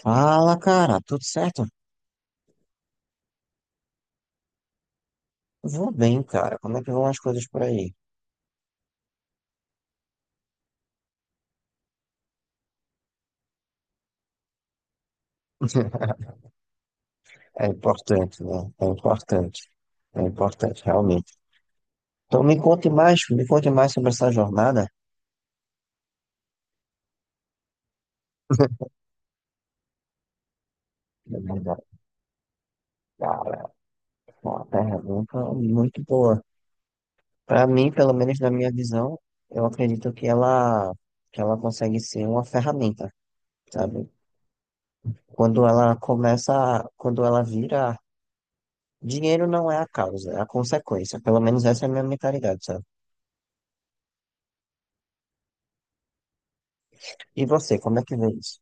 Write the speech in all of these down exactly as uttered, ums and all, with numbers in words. Fala, cara, tudo certo? Vou bem, cara. Como é que vão as coisas por aí? É importante, né? É importante. É importante, realmente. Então me conte mais, me conte mais sobre essa jornada. Cara, é uma pergunta muito boa. Para mim, pelo menos na minha visão, eu acredito que ela, que ela consegue ser uma ferramenta, sabe? Quando ela começa, quando ela vira, dinheiro não é a causa, é a consequência. Pelo menos essa é a minha mentalidade, sabe? E você, como é que vê isso?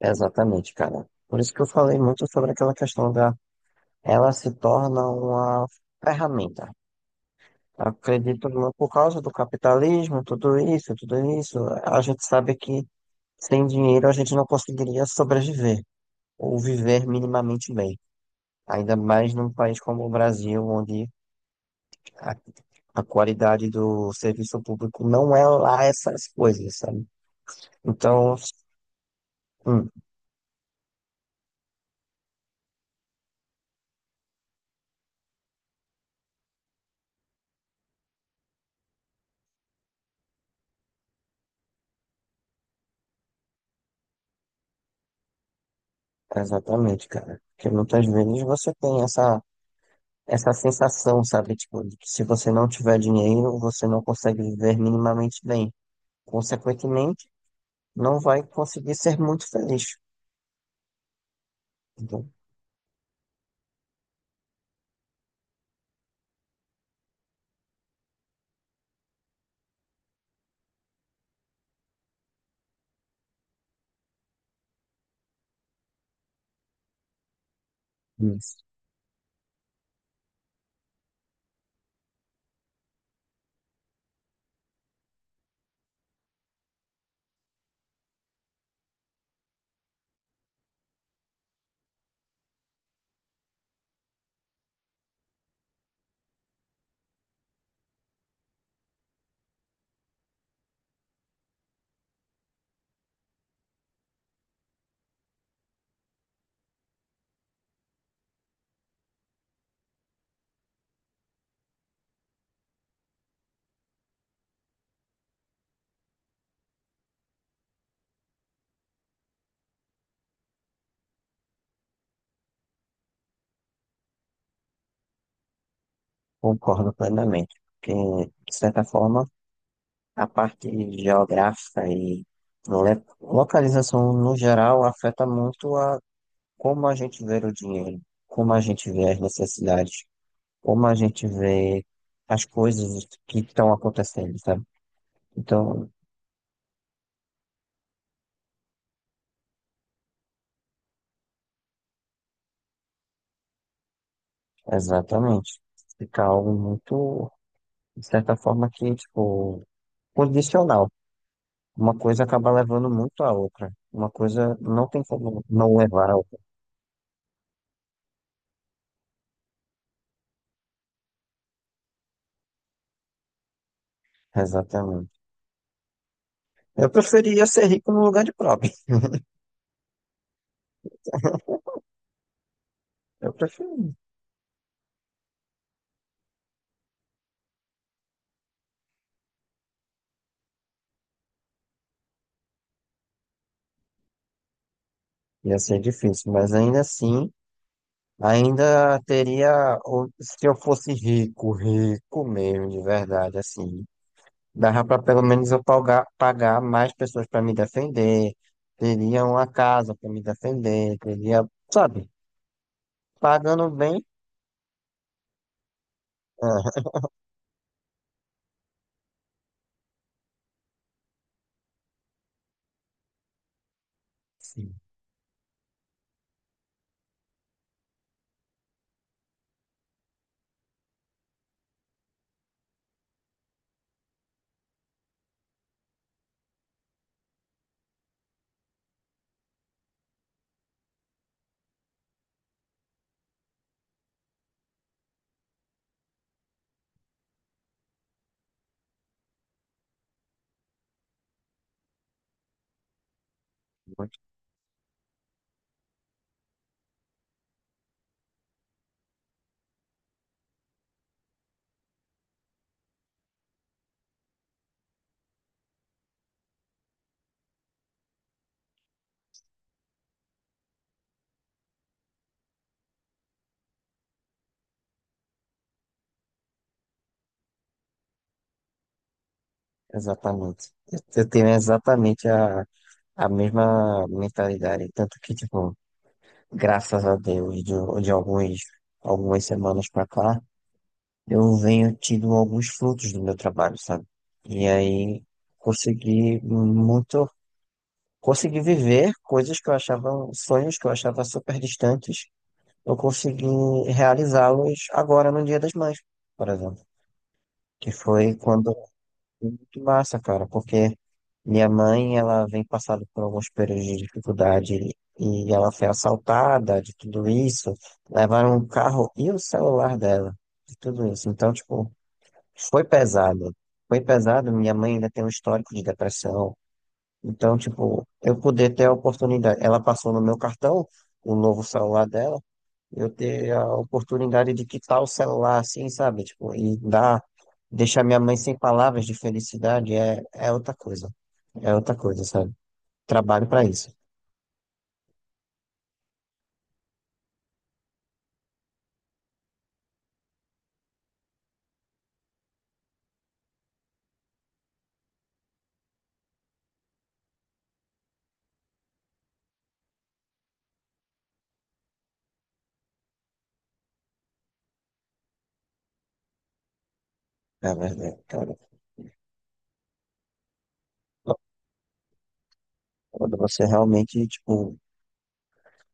Exatamente, cara. Por isso que eu falei muito sobre aquela questão da ela se torna uma ferramenta. Acredito muito por causa do capitalismo, tudo isso, tudo isso. A gente sabe que sem dinheiro a gente não conseguiria sobreviver ou viver minimamente bem. Ainda mais num país como o Brasil, onde a, a qualidade do serviço público não é lá essas coisas, sabe? Então, hum, exatamente, cara. Porque muitas vezes você tem essa essa sensação, sabe? Tipo, de que se você não tiver dinheiro, você não consegue viver minimamente bem. Consequentemente, não vai conseguir ser muito feliz. Então, isso, concordo plenamente. Porque, de certa forma, a parte geográfica e le- localização no geral afeta muito a como a gente vê o dinheiro, como a gente vê as necessidades, como a gente vê as coisas que estão acontecendo, sabe? Então, exatamente. Fica algo muito, de certa forma, que, tipo, condicional. Uma coisa acaba levando muito à outra. Uma coisa não tem como não levar à outra. Exatamente. Eu preferia ser rico no lugar de pobre. Eu preferia. Ia ser difícil, mas ainda assim, ainda teria, ou- se eu fosse rico, rico mesmo, de verdade, assim. Dava para pelo menos eu pagar, pagar mais pessoas para me defender, teria uma casa para me defender, teria, sabe, pagando bem. Ah, sim, muito- exatamente. Eu eu tenho exatamente a, a mesma mentalidade. Tanto que, tipo, graças a Deus, de, de alguns, algumas semanas para cá, eu venho tido alguns frutos do meu trabalho, sabe? E aí consegui muito consegui viver coisas que eu achava, sonhos que eu achava super distantes, eu consegui realizá-los agora no Dia das Mães, por exemplo. Que foi quando foi muito massa, cara, porque minha mãe, ela vem passando por alguns períodos de dificuldade e ela foi assaltada de tudo isso, levaram o carro e o celular dela, de tudo isso. Então, tipo, foi pesado. Foi pesado, minha mãe ainda tem um histórico de depressão, então, tipo, eu poder ter a oportunidade. Ela passou no meu cartão, o novo celular dela, eu ter a oportunidade de quitar o celular assim, sabe? Tipo, e dar, deixar minha mãe sem palavras de felicidade é, é outra coisa. É outra coisa, sabe? Trabalho pra isso, é verdade, cara. Quando você realmente, tipo.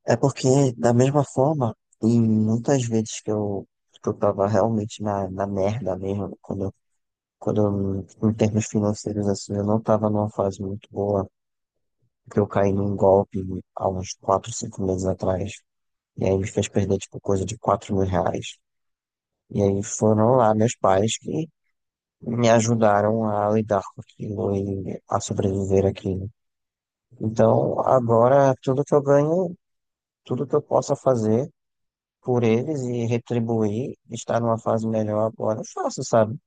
É porque, da mesma forma, e muitas vezes que eu, que eu tava realmente na, na merda mesmo, quando quando eu, em termos financeiros, assim, eu não estava numa fase muito boa, porque eu caí num golpe há uns quatro cinco meses atrás, e aí me fez perder, tipo, coisa de quatro mil reais. E aí foram lá meus pais que me ajudaram a lidar com aquilo e a sobreviver aquilo. Então, agora, tudo que eu ganho, tudo que eu possa fazer por eles e retribuir, estar numa fase melhor agora, eu faço, sabe?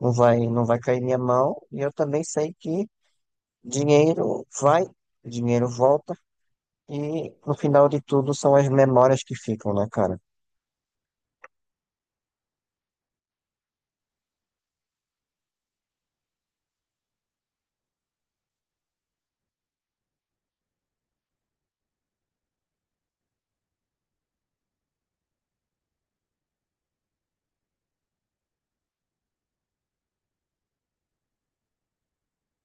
Não vai, não vai cair minha mão, e eu também sei que dinheiro vai, dinheiro volta e no final de tudo são as memórias que ficam, né, cara?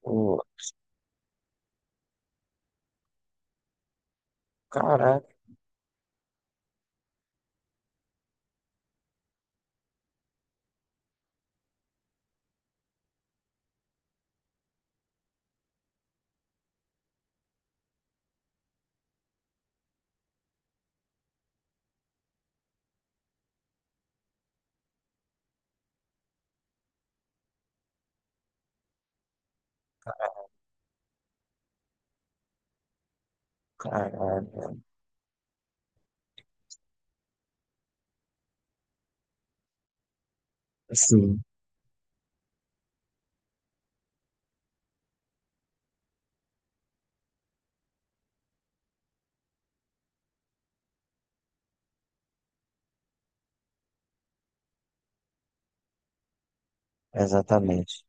O, caraca, caralho. Sim, exatamente.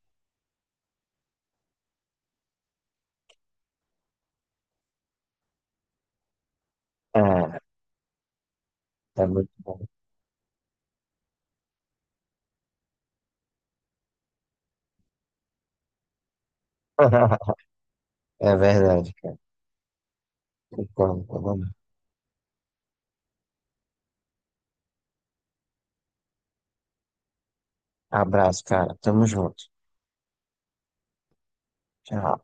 Ah, é muito bom. É verdade, cara. Concordo, concordo. Abraço, cara. Tamo junto. Tchau.